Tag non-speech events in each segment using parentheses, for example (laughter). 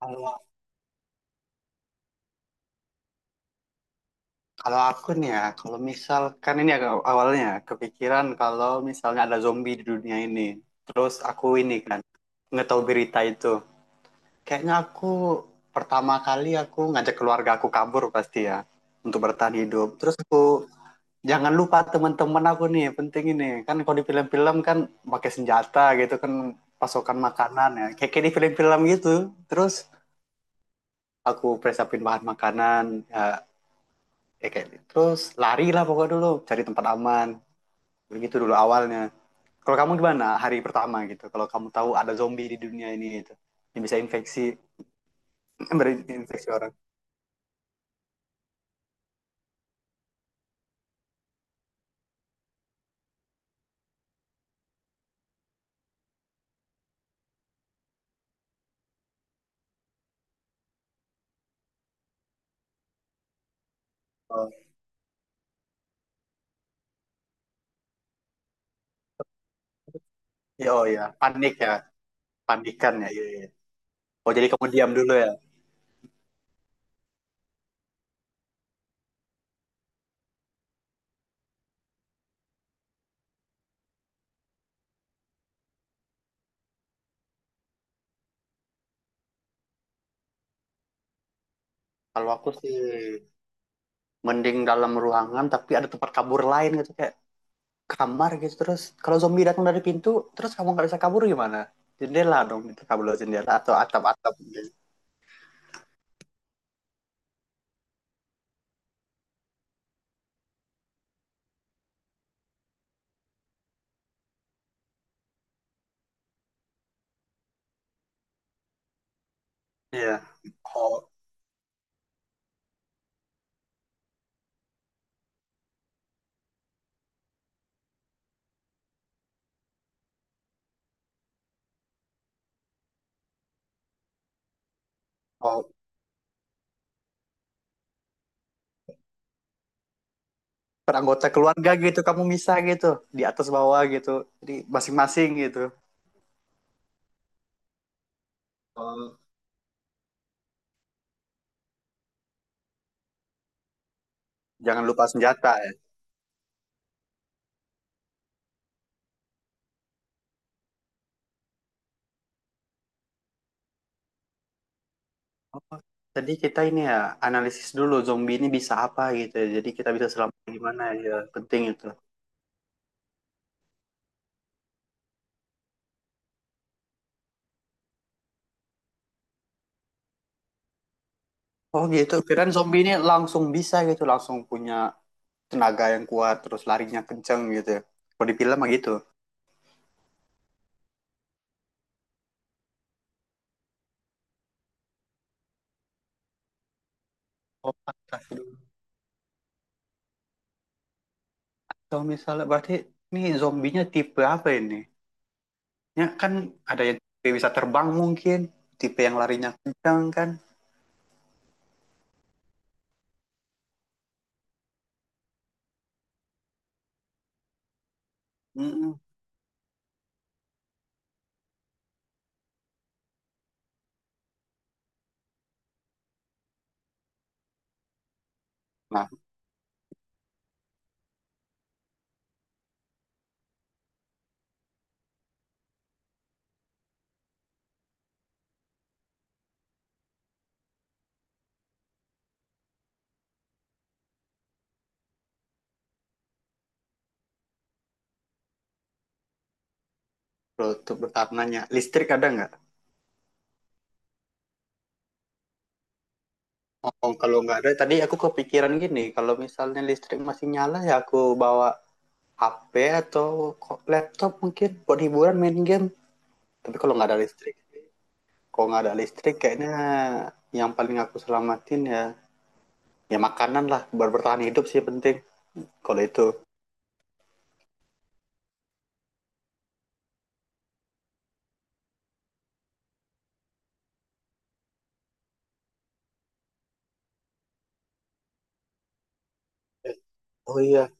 Kalau kalau aku nih ya, kalau misalkan ini agak awalnya ya, kepikiran kalau misalnya ada zombie di dunia ini, terus aku ini kan nggak tahu berita itu, kayaknya aku pertama kali ngajak keluarga aku kabur pasti ya untuk bertahan hidup. Terus aku jangan lupa teman-teman aku nih penting ini kan kalau di film-film kan pakai senjata gitu kan pasokan makanan ya, kayak di film-film gitu. Terus aku persiapin bahan makanan, ya, kayak gitu. Terus lari lah pokoknya dulu cari tempat aman begitu dulu awalnya. Kalau kamu gimana hari pertama gitu kalau kamu tahu ada zombie di dunia ini gitu yang bisa infeksi (clears throat) berinfeksi orang. Oh iya. Oh, iya. Panik ya. Panikan ya. Iya, iya. Oh, jadi kamu diam dulu ya. Kalau aku sih mending dalam ruangan tapi ada tempat kabur lain gitu kayak kamar gitu. Terus kalau zombie datang dari pintu terus kamu nggak bisa kabur, gimana? Jendela dong itu, kabur lewat jendela atau atap-atap gitu. Iya. Oh, oh, peranggota keluarga gitu kamu misah gitu, di atas bawah gitu, jadi masing-masing gitu. Oh, jangan lupa senjata ya. Oh, jadi kita ini ya analisis dulu zombie ini bisa apa gitu ya, jadi kita bisa selamat gimana, ya penting itu. Oh gitu, kirain zombie ini langsung bisa gitu, langsung punya tenaga yang kuat terus larinya kenceng gitu ya, kalau di film mah gitu. Oh pantas. Kalau misalnya berarti ini zombinya tipe apa ini, ya kan, ada yang tipe bisa terbang mungkin, tipe yang larinya kencang kan. Mm-mm. Nah, kalau untuk bertanya, listrik ada nggak? Oh, kalau nggak ada, tadi aku kepikiran gini, kalau misalnya listrik masih nyala ya aku bawa HP atau laptop mungkin buat hiburan main game. Tapi kalau nggak ada listrik, kayaknya yang paling aku selamatin ya ya makanan lah buat bertahan hidup sih penting kalau itu. Eh, Oh iya,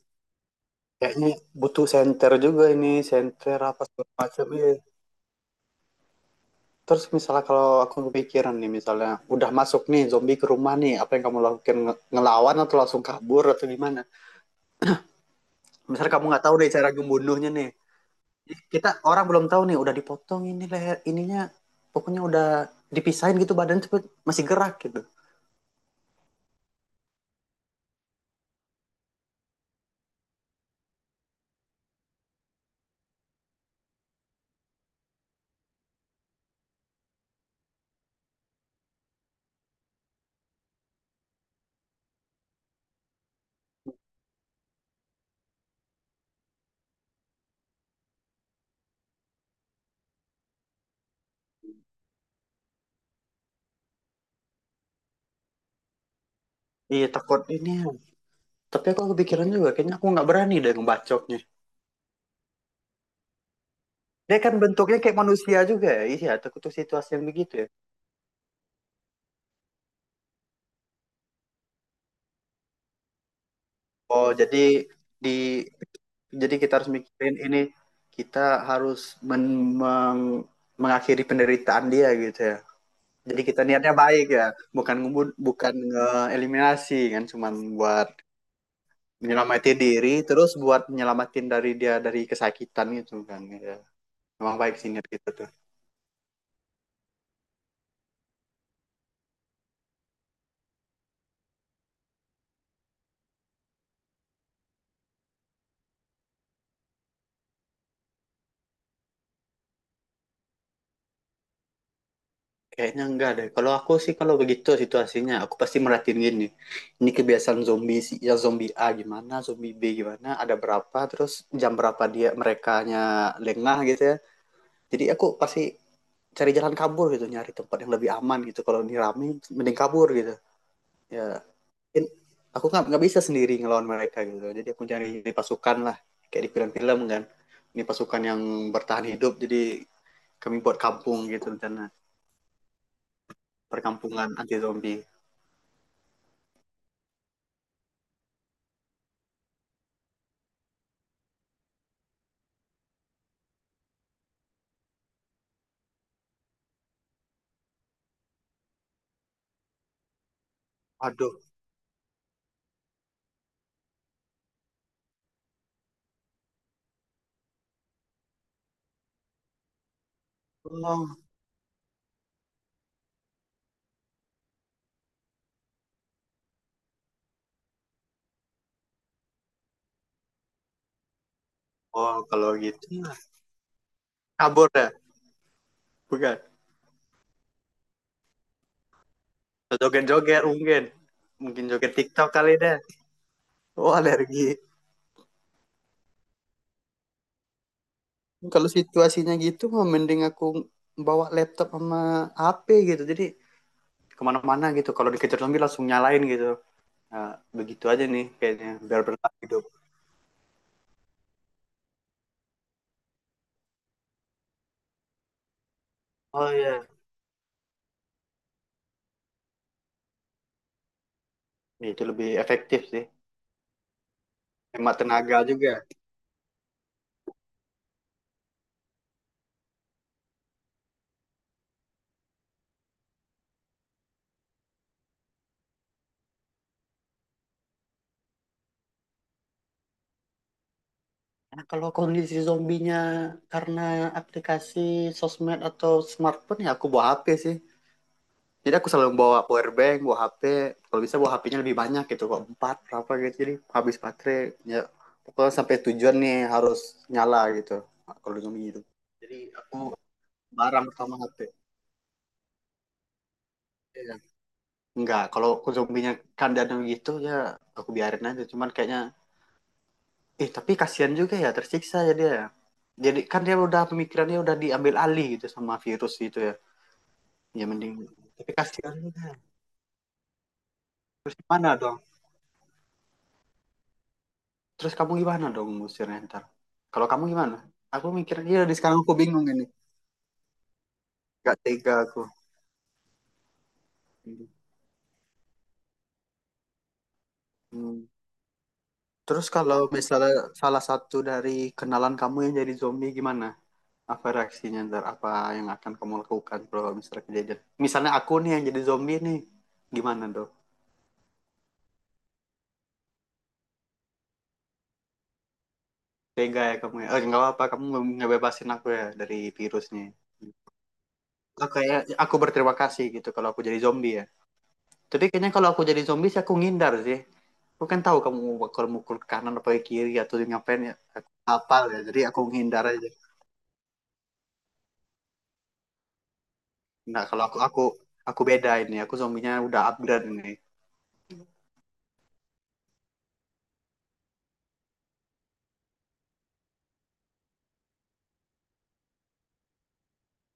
kayaknya butuh senter juga ini, senter apa segala macam. Iya. Terus misalnya kalau aku kepikiran nih misalnya udah masuk nih zombie ke rumah nih, apa yang kamu lakukan? Ngelawan atau langsung kabur atau gimana? Misalnya kamu nggak tahu deh cara membunuhnya nih. Kita orang belum tahu nih udah dipotong ini leher ininya, pokoknya udah dipisahin gitu badan cepet masih gerak gitu. Iya takut ini. Tapi aku kepikiran juga kayaknya aku nggak berani deh ngebacoknya. Dia kan bentuknya kayak manusia juga ya. Iya takut tuh situasi yang begitu ya. Oh jadi di, jadi kita harus mikirin ini, kita harus men- meng- mengakhiri penderitaan dia gitu ya. Jadi kita niatnya baik ya, bukan bukan eliminasi kan, cuman buat menyelamati diri, terus buat menyelamatin dari dia dari kesakitan gitu kan. Ya. Memang baik sih niat kita tuh. Kayaknya enggak deh. Kalau aku sih kalau begitu situasinya, aku pasti merhatiin gini. Ini kebiasaan zombie sih, ya zombie A gimana, zombie B gimana, ada berapa, terus jam berapa dia merekanya lengah gitu ya. Jadi aku pasti cari jalan kabur gitu, nyari tempat yang lebih aman gitu. Kalau ini rame mending kabur gitu, ya aku nggak bisa sendiri ngelawan mereka gitu, jadi aku cari pasukan lah kayak di film-film kan, ini pasukan yang bertahan hidup. Jadi kami buat kampung gitu, rencana perkampungan anti zombie. Aduh. Oh, oh kalau gitu kabur dah. Bukan, joget-joget mungkin, mungkin joget TikTok kali dah. Oh alergi. Kalau situasinya gitu mah mending aku bawa laptop sama HP gitu. Jadi kemana-mana gitu. Kalau dikejar zombie langsung nyalain gitu. Nah, begitu aja nih kayaknya. Biar bertahan hidup. Oh iya. Ya, itu lebih efektif sih. Hemat tenaga juga. Nah, kalau kondisi zombinya karena aplikasi sosmed atau smartphone, ya aku bawa HP sih. Jadi aku selalu bawa power bank, bawa HP. Kalau bisa bawa HP-nya lebih banyak gitu, kok empat berapa gitu. Jadi habis baterai, ya pokoknya sampai tujuan nih harus nyala gitu. Kalau zombie gitu. Jadi aku barang pertama HP. Iya. Enggak, kalau aku zombinya kandang gitu ya aku biarin aja. Cuman kayaknya, eh tapi kasihan juga ya, tersiksa ya dia. Jadi kan dia udah pemikirannya udah diambil alih gitu sama virus gitu ya. Ya mending. Tapi kasihan juga. Terus gimana dong? Terus kamu gimana dong ngusirnya ntar? Kalau kamu gimana? Aku mikir, iya di sekarang aku bingung ini. Gak tega aku. Hmm. Terus kalau misalnya salah satu dari kenalan kamu yang jadi zombie gimana? Apa reaksinya ntar? Apa yang akan kamu lakukan kalau misalnya kejadian? Misalnya aku nih yang jadi zombie nih. Gimana dong? Tega ya kamu ya? Eh, nggak apa-apa, kamu ngebebasin aku ya dari virusnya. Aku kayak aku berterima kasih gitu kalau aku jadi zombie ya. Tapi kayaknya kalau aku jadi zombie sih aku ngindar sih. Aku kan tahu kamu bakal mukul ke kanan atau ke kiri atau ngapain ya. Apa ya. Jadi aku ngindar aja. Nah, kalau aku aku beda ini. Aku zombinya udah upgrade ini.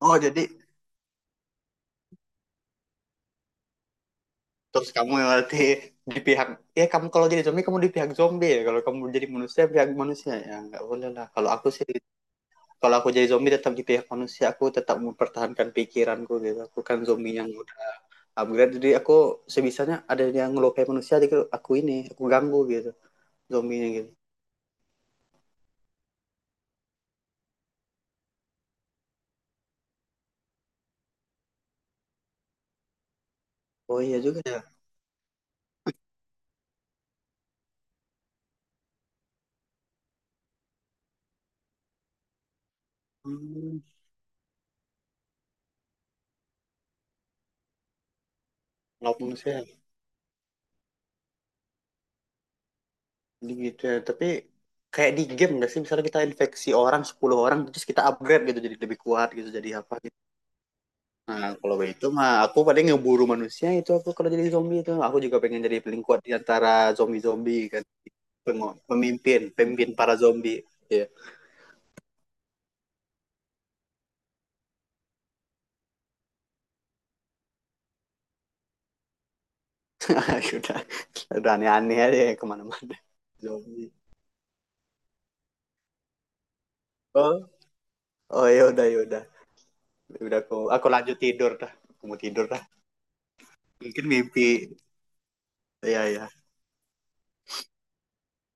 Oh, jadi terus kamu yang berarti di pihak, ya kamu kalau jadi zombie kamu di pihak zombie ya. Kalau kamu jadi manusia pihak manusia ya nggak boleh lah. Kalau aku sih kalau aku jadi zombie tetap di pihak manusia, aku tetap mempertahankan pikiranku gitu. Aku kan zombie yang udah upgrade, jadi aku sebisanya ada yang ngelukai manusia, jadi aku ini aku ganggu gitu zombinya gitu. Oh iya juga ya. Hmm, kenapa manusia gitu ya. Tapi kayak di game nggak sih misalnya kita infeksi orang 10 orang terus kita upgrade gitu jadi lebih kuat gitu jadi apa gitu. Nah kalau itu mah aku paling ngeburu manusia itu, aku kalau jadi zombie itu aku juga pengen jadi paling kuat di antara zombie-zombie kan. Pemimpin, pemimpin para zombie. Iya. Ya. Yeah. (laughs) udah udah aneh-aneh aja ya kemana-mana zombie. Oh. Oh ya udah, ya udah. Ya udah aku lanjut tidur dah, aku mau tidur dah. Mungkin mimpi. Iya, iya.